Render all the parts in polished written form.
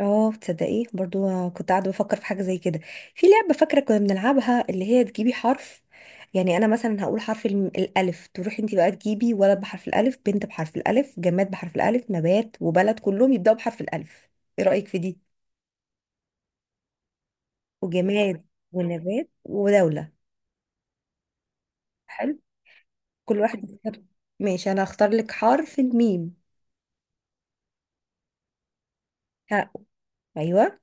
اه، تصدقيه؟ برضو كنت قاعده بفكر في حاجه زي كده. في لعبه فاكره كنا بنلعبها، اللي هي تجيبي حرف. يعني انا مثلا هقول حرف الالف. تروحي انت بقى تجيبي ولد بحرف الالف، بنت بحرف الالف، جماد بحرف الالف، نبات وبلد، كلهم يبداوا بحرف الالف. ايه رايك في دي؟ وجماد. ونبات ودوله. حلو. كل واحد يختار. ماشي، انا هختار لك حرف الميم. ها. ايوه.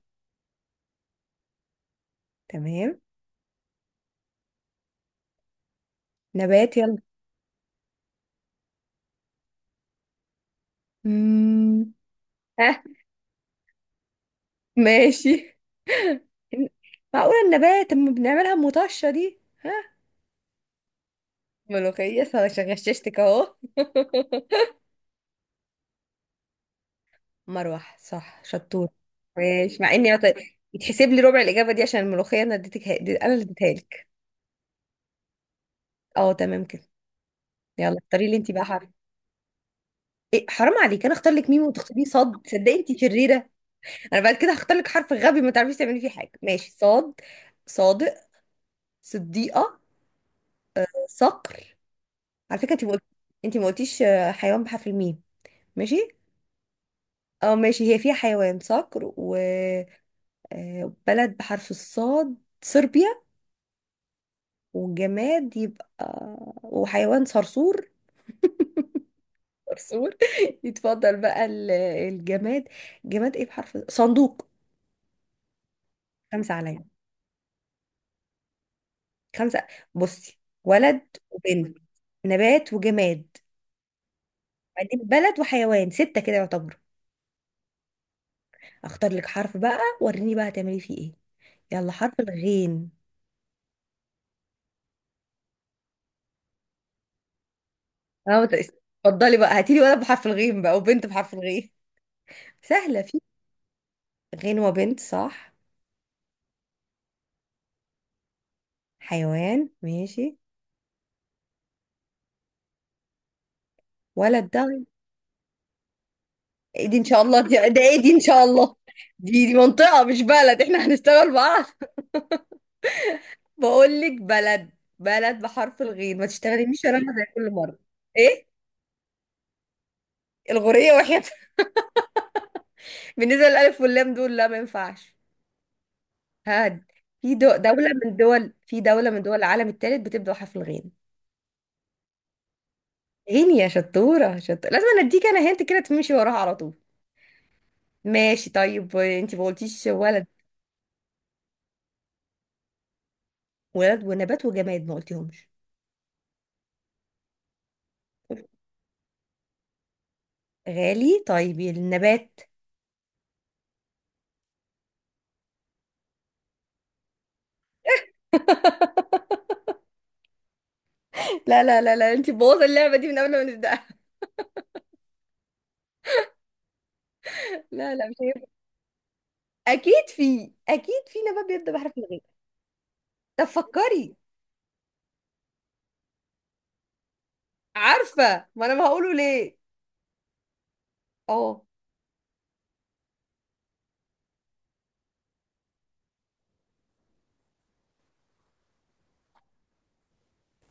تمام. نبات، يلا. مم. ها. ماشي. إن- معقولة النبات اما بنعملها مطشة دي؟ ها. ملوخية صح، غششتك اهو. مروح صح، شطور. ماشي، مع اني يتحسب لي ربع الاجابة دي عشان الملوخية، انا انا اللي اديتها لك. اه، تمام كده. يلا اختاري لي انت بقى حرف. إيه حرام عليك، انا اختار لك ميم وتختاري صاد؟ صدقي انت شريرة. انا بعد كده هختار لك حرف غبي ما تعرفيش تعملي فيه حاجة. ماشي، صاد. صادق. صديقة. صقر. على فكرة انت ما قلت- انت ما قلتيش، آه، حيوان بحرف الميم. ماشي. اه ماشي، هي فيها حيوان صقر وبلد بحرف الصاد صربيا. والجماد يبقى، وحيوان صرصور. صرصور. يتفضل بقى الجماد. جماد ايه بحرف؟ صندوق. خمسة عليا. خمسة. بصي، ولد وبنت، نبات وجماد، بعدين بلد وحيوان، ستة كده يعتبر. اختار لك حرف بقى، وريني بقى هتعملي فيه ايه. يلا حرف الغين. اه. اتفضلي بقى، هاتيلي ولد بحرف الغين بقى، وبنت بحرف الغين. سهلة. غنوة بنت، صح. حيوان ماشي. ولد ده. إيه دي ان شاء الله؟ دي ده ايه دي ان شاء الله؟ دي منطقة مش بلد، احنا هنشتغل بعض. بقول لك بلد، بلد بحرف الغين. ما تشتغليش شرمة زي كل مرة. ايه؟ الغورية واحد. بالنسبة للألف واللام دول، لا ما ينفعش. هاد. في دولة من دول، في دولة من دول العالم الثالث بتبدأ بحرف الغين. غين؟ يا شطورة شطورة، لازم انا اديك. انا هنت كده تمشي وراها على طول. ماشي. طيب انت ما قلتيش ولد. ولد ونبات وجماد ما قلتيهمش. غالي. طيب النبات. لا لا لا لا، انت بوظ اللعبه دي من قبل ما نبداها. لا لا مش هينفع. اكيد في نبات بيبدا بحرف الغين. طب فكري. عارفه، ما انا ما هقوله ليه. اه.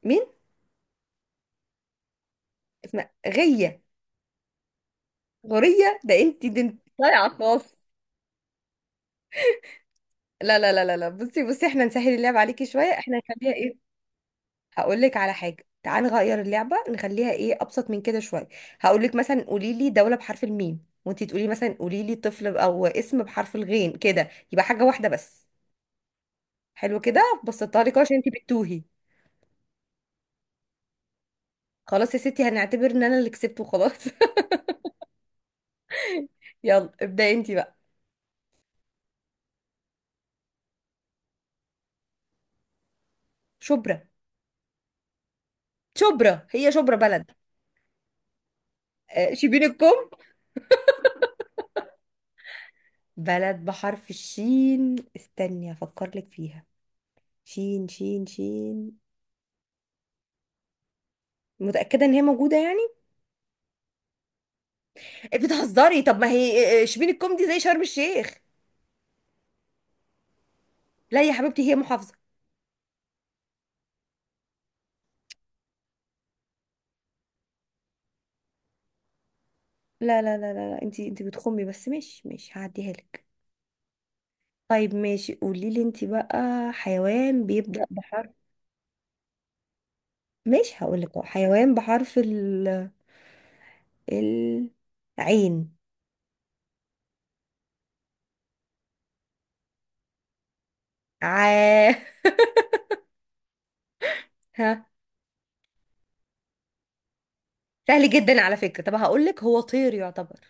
مين؟ اسمها غيه. غوريه، ده انت ضايعه خالص. لا لا لا لا لا، بصي بصي، احنا نسهل اللعبه عليكي شويه، احنا نخليها ايه. هقول لك على حاجه، تعال نغير اللعبه نخليها ايه ابسط من كده شويه. هقول لك مثلا قولي لي دوله بحرف الميم، وانتي تقولي مثلا قولي لي طفل او اسم بحرف الغين، كده يبقى حاجه واحده بس. حلو كده، بسطتها لك أهو عشان انتي بتتوهي. خلاص يا ستي، هنعتبر ان انا اللي كسبت وخلاص. يلا ابداي انتي بقى. شبرا. شبرا هي شبرا بلد؟ آه، شبين الكم. بلد بحرف الشين، استني افكر لك فيها. شين شين شين. متأكدة ان هي موجودة يعني؟ بتهزري؟ طب ما هي شبين الكومدي زي شرم الشيخ. لا يا حبيبتي، هي محافظة. لا لا لا لا، لا. انتي بتخمي بس. ماشي ماشي، هعديها لك. طيب ماشي، قولي لي انتي بقى. حيوان بيبدأ بحرف. ماشي هقول لك اهو، حيوان بحرف ال- عين. ع. ها. سهل جدا على فكرة. طب هقول لك، هو طير يعتبر.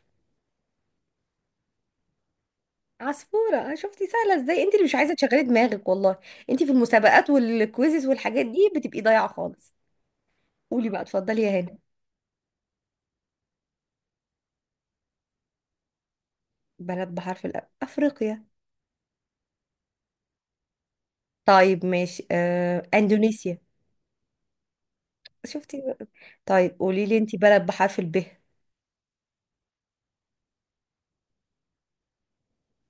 عصفورة. آه، شفتي سهلة ازاي؟ انت اللي مش عايزة تشغلي دماغك والله. انت في المسابقات والكويزز والحاجات دي بتبقي ضايعة خالص. قولي بقى، اتفضلي يا هاني. بلد بحرف أفريقيا. طيب ماشي، آه، إندونيسيا. شفتي بقى؟ طيب قولي لي أنت بلد بحرف الب.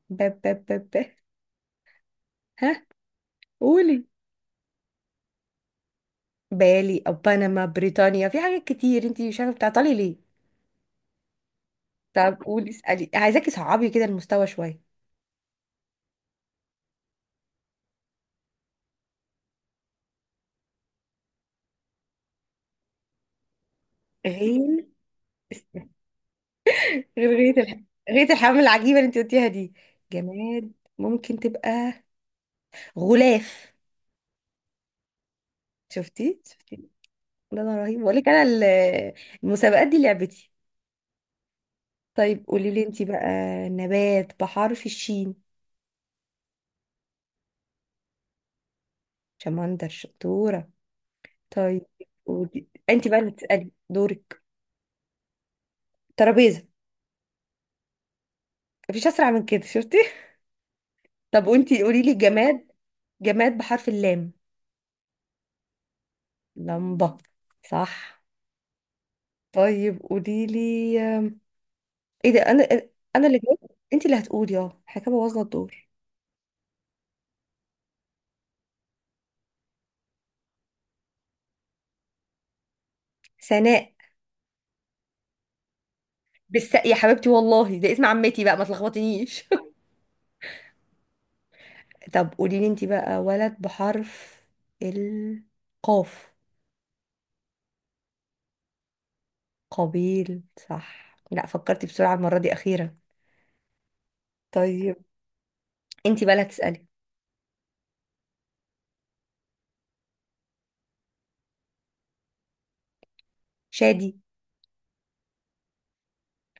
ب ب ب ب. ها. قولي. بالي أو بنما، بريطانيا، في حاجات كتير أنت مش عارفة، بتعطلي ليه؟ طب قولي، اسألي، عايزاكي تصعبي كده المستوى شوية. غير. غير غيرة الح... غيرة الحمام العجيبة اللي أنت قلتيها دي. جماد ممكن تبقى غلاف. شفتي شفتي. لا لا رهيب، بقول لك أنا المسابقات دي لعبتي. طيب قولي لي انتي بقى. نبات بحرف الشين. شمندر. شطورة. طيب. قولي انتي بقى اللي تسألي دورك. ترابيزة. مفيش أسرع من كده، شفتي. طب وانتي قولي لي جماد. جماد بحرف اللام. لمبة. صح. طيب قولي لي. ايه ده، انا؟ انا اللي جاوبت انتي اللي هتقولي، اه حكاية بوظنا الدور. سناء. بالساء يا حبيبتي والله، ده اسم عمتي بقى ما تلخبطنيش. طب قولي لي انتي بقى ولد بحرف القاف. قابيل. صح، لا فكرتي بسرعة المرة دي أخيرا. طيب انتي بقى اللي هتسألي. شادي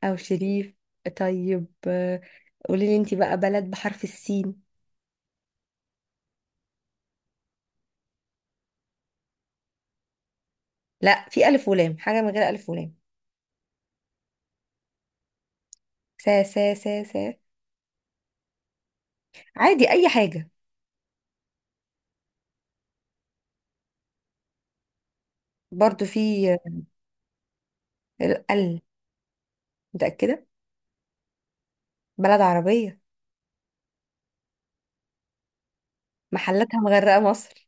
أو شريف. طيب آه، قولي لي انتي بقى بلد بحرف السين. لا في ألف ولام، حاجة من غير ألف ولام. سا. عادي، أي حاجة. برضو في آه، ال ال. متأكدة. بلد عربية، محلاتها مغرقة مصر.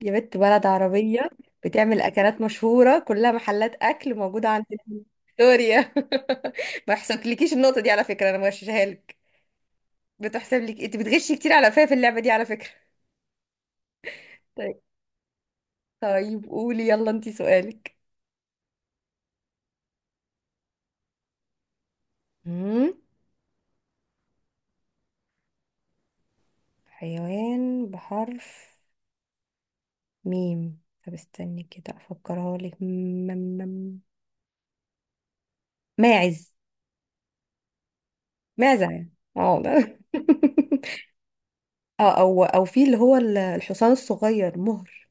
يا بنت بلد عربية، بتعمل أكلات مشهورة كلها محلات أكل موجودة عندنا في. سوريا. ما يحسبلكيش النقطة دي على فكرة، أنا مغششها لك. بتحسب لك، أنت بتغشي كتير على فيا في اللعبة دي على فكرة. طيب. طيب قولي يلا أنت سؤالك. مم. حيوان بحرف ميم. طب استني كده أفكرها لك. ماعز. ماعزة يعني اه ده. اه، او او في اللي هو الحصان الصغير مهر.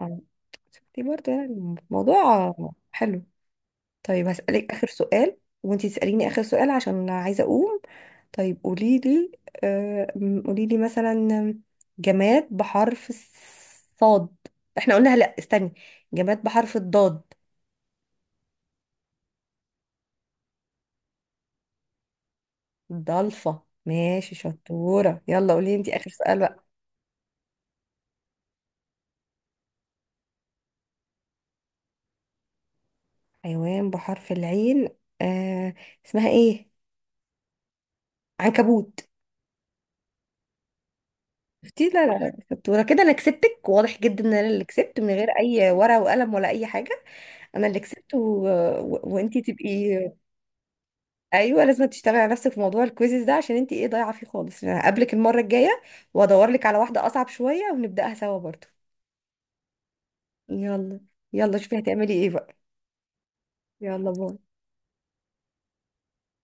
آه، شفتي برضه يعني الموضوع. حلو. طيب هسألك آخر سؤال، وانتي تسأليني آخر سؤال عشان عايزة أقوم. طيب قولي لي، آه قولي لي مثلا جماد بحرف الصاد. احنا قلنا، لا استني. جماد بحرف الضاد. ضلفة. ماشي شطورة، يلا قولي انتي آخر سؤال بقى. حيوان بحرف العين. آه. اسمها ايه؟ عنكبوت. شفتي؟ لا لا لا، شطورة كده، انا كسبتك. واضح جدا ان انا اللي كسبت من غير اي ورقة وقلم ولا اي حاجة. انا اللي كسبت وانتي تبقي. ايوه، لازم تشتغلي على نفسك في موضوع الكويزز ده، عشان انتي ايه، ضايعة فيه خالص. انا هقابلك المرة الجاية وادور لك على واحدة اصعب شوية ونبدأها سوا برضو. يلا. يلا، شوفي هتعملي ايه بقى. يلا باي.